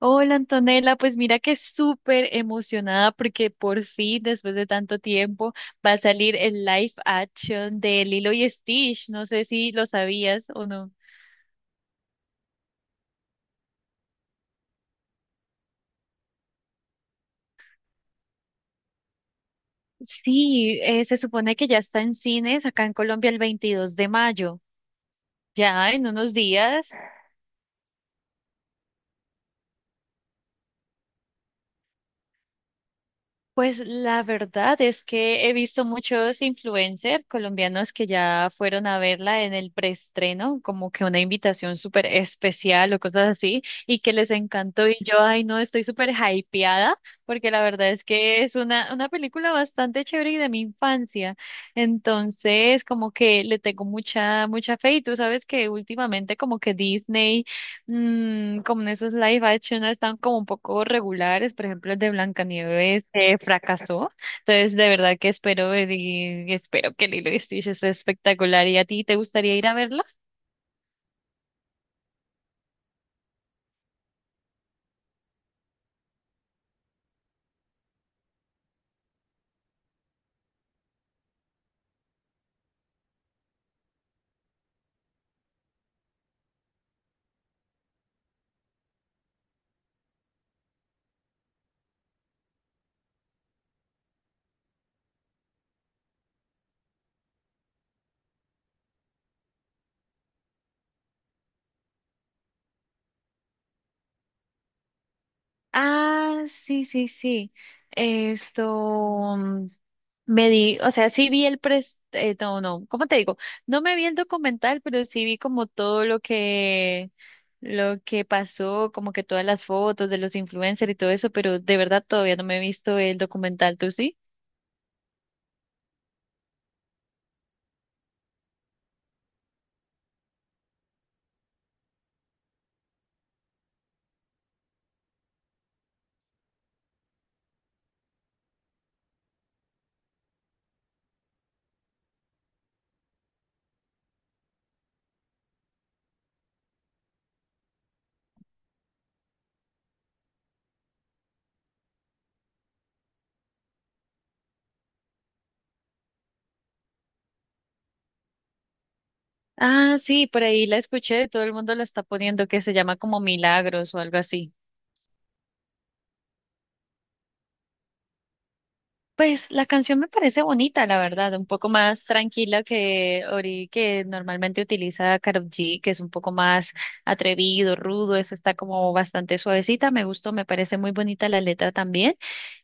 Hola Antonella, pues mira que súper emocionada porque por fin, después de tanto tiempo, va a salir el live action de Lilo y Stitch. No sé si lo sabías o no. Sí, se supone que ya está en cines acá en Colombia el 22 de mayo. Ya en unos días. Pues la verdad es que he visto muchos influencers colombianos que ya fueron a verla en el preestreno, como que una invitación súper especial o cosas así, y que les encantó. Y yo, ay, no, estoy súper hypeada, porque la verdad es que es una película bastante chévere y de mi infancia. Entonces, como que le tengo mucha, mucha fe. Y tú sabes que últimamente, como que Disney como en esos live action no están como un poco regulares, por ejemplo, el de Blancanieves fracasó, entonces de verdad que espero ver y espero que Lilo y Stitch esté espectacular. ¿Y a ti te gustaría ir a verla? Ah, sí, sí, sí. Esto mm, me di, o sea, sí vi el pres, no, no, ¿cómo te digo? No me vi el documental, pero sí vi como todo lo que pasó, como que todas las fotos de los influencers y todo eso, pero de verdad todavía no me he visto el documental, ¿tú sí? Ah, sí, por ahí la escuché, todo el mundo la está poniendo que se llama como Milagros o algo así. Pues la canción me parece bonita, la verdad, un poco más tranquila que Ori, que normalmente utiliza Karol G, que es un poco más atrevido, rudo, esa está como bastante suavecita, me gustó, me parece muy bonita la letra también.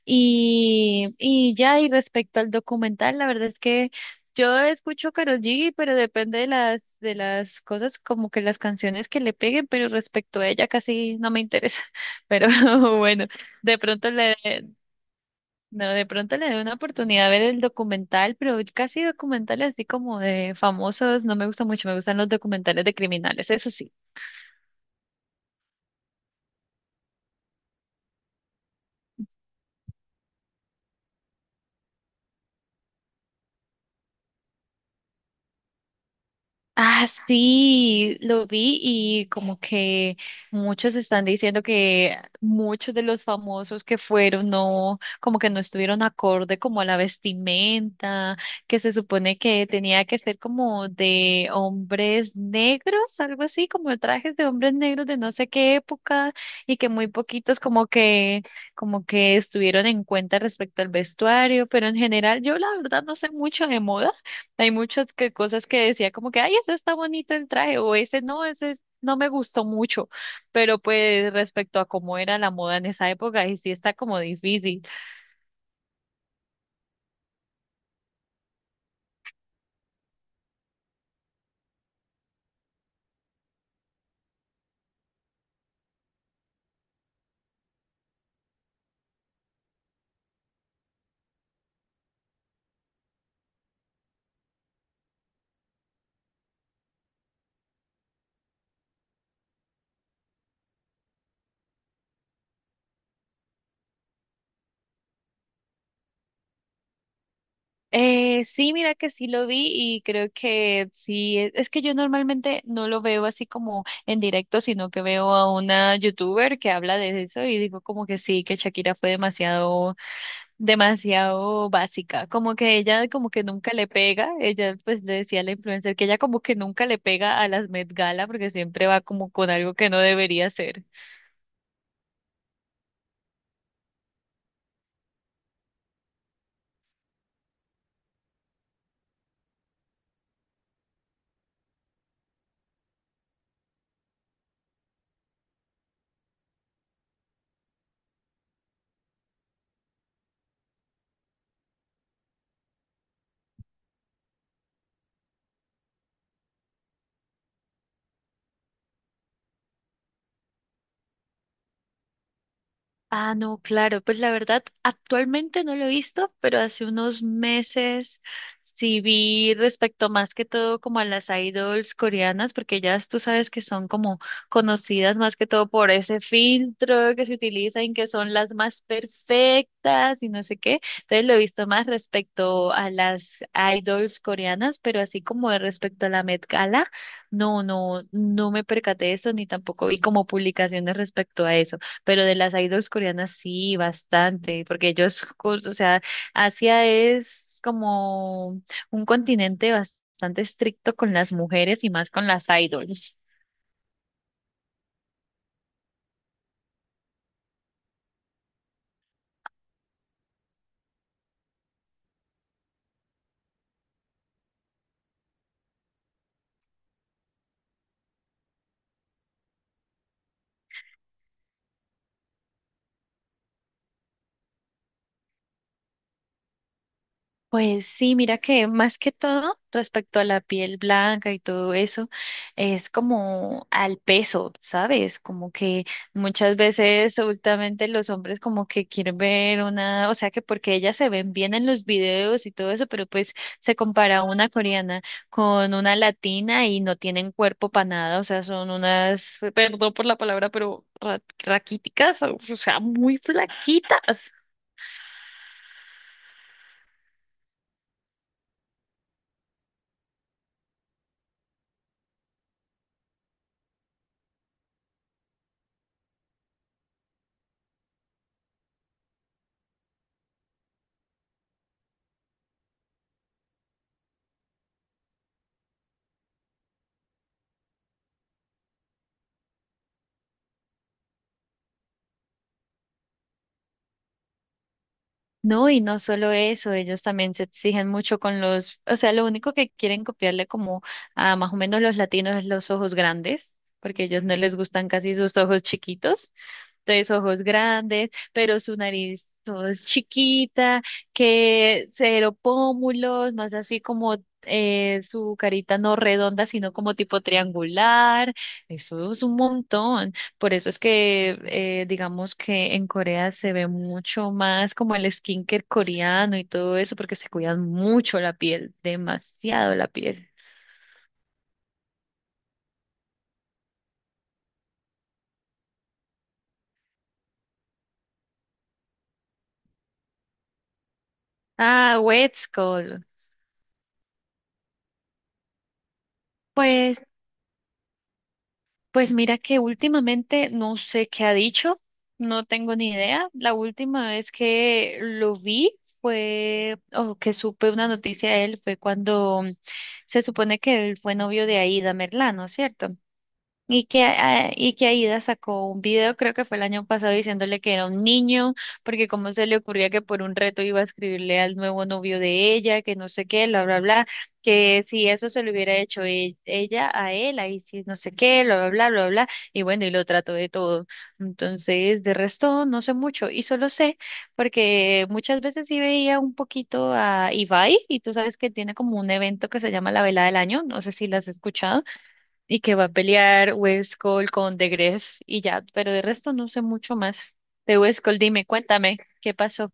Y ya, y respecto al documental, la verdad es que yo escucho Karol G, pero depende de las cosas, como que las canciones que le peguen, pero respecto a ella casi no me interesa. Pero bueno, de pronto le, no, de pronto le doy una oportunidad a ver el documental, pero casi documentales así como de famosos, no me gusta mucho, me gustan los documentales de criminales, eso sí. Ah, sí, lo vi y como que muchos están diciendo que muchos de los famosos que fueron no, como que no estuvieron acorde como a la vestimenta, que se supone que tenía que ser como de hombres negros, algo así, como trajes de hombres negros de no sé qué época y que muy poquitos como que estuvieron en cuenta respecto al vestuario, pero en general yo la verdad no sé mucho de moda. Hay muchas que, cosas que decía como que, ay, ese está bonito el traje, o ese no, no me gustó mucho, pero pues respecto a cómo era la moda en esa época, y sí está como difícil. Sí, mira que sí lo vi y creo que sí, es que yo normalmente no lo veo así como en directo, sino que veo a una youtuber que habla de eso y digo como que sí, que Shakira fue demasiado básica, como que ella como que nunca le pega, ella pues le decía a la influencer que ella como que nunca le pega a las Met Gala porque siempre va como con algo que no debería ser. Ah, no, claro, pues la verdad, actualmente no lo he visto, pero hace unos meses sí vi respecto más que todo como a las idols coreanas, porque ellas tú sabes que son como conocidas más que todo por ese filtro que se utiliza en que son las más perfectas y no sé qué. Entonces lo he visto más respecto a las idols coreanas, pero así como de respecto a la Met Gala, no, no, no me percaté de eso ni tampoco vi como publicaciones respecto a eso, pero de las idols coreanas sí, bastante, porque ellos, o sea, Asia es como un continente bastante estricto con las mujeres y más con las idols. Pues sí, mira que más que todo respecto a la piel blanca y todo eso, es como al peso, ¿sabes? Como que muchas veces últimamente los hombres como que quieren ver una, o sea que porque ellas se ven bien en los videos y todo eso, pero pues se compara una coreana con una latina y no tienen cuerpo para nada, o sea, son unas, perdón por la palabra, pero raquíticas, o sea, muy flaquitas. No, y no solo eso, ellos también se exigen mucho con los, o sea, lo único que quieren copiarle como a más o menos los latinos es los ojos grandes, porque a ellos no les gustan casi sus ojos chiquitos, tres ojos grandes, pero su nariz todo es chiquita, que cero pómulos, más así como su carita no redonda, sino como tipo triangular. Eso es un montón. Por eso es que digamos que en Corea se ve mucho más como el skincare coreano y todo eso, porque se cuidan mucho la piel, demasiado la piel. Ah, wet Skull. Pues Pues mira que últimamente no sé qué ha dicho, no tengo ni idea. La última vez que lo vi fue, o que supe una noticia de él, fue cuando se supone que él fue novio de Aida Merlano, ¿cierto? Y que, ah, y que Aida sacó un video, creo que fue el año pasado, diciéndole que era un niño, porque cómo se le ocurría que por un reto iba a escribirle al nuevo novio de ella, que no sé qué, bla, bla, bla, que si eso se lo hubiera hecho ella a él, ahí sí, no sé qué, bla, bla, bla, bla, bla, y bueno, y lo trató de todo. Entonces, de resto, no sé mucho, y solo sé, porque muchas veces sí veía un poquito a Ibai, y tú sabes que tiene como un evento que se llama La Vela del Año, no sé si la has escuchado y que va a pelear West Cole con The Gref y ya, pero de resto no sé mucho más. De West Cole, dime, cuéntame, ¿qué pasó?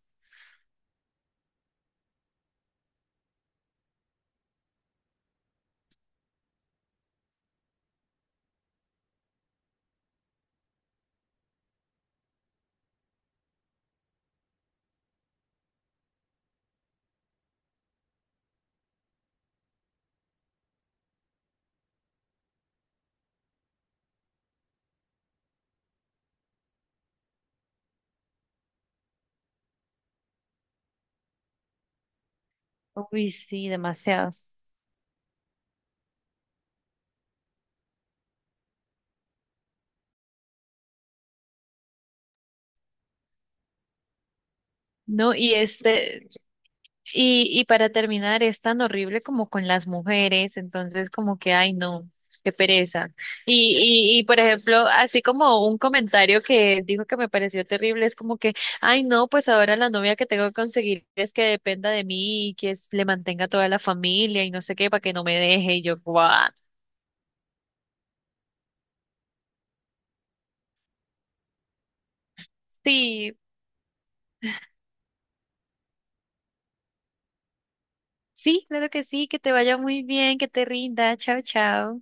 Uy, sí, demasiado. No, y este, y para terminar, es tan horrible como con las mujeres, entonces como que, ay, no, qué pereza. Y por ejemplo, así como un comentario que dijo que me pareció terrible, es como que, ay, no, pues ahora la novia que tengo que conseguir es que dependa de mí y que le mantenga toda la familia y no sé qué, para que no me deje. Y yo, what? Sí, sí, claro que sí, que te vaya muy bien, que te rinda, chao, chao.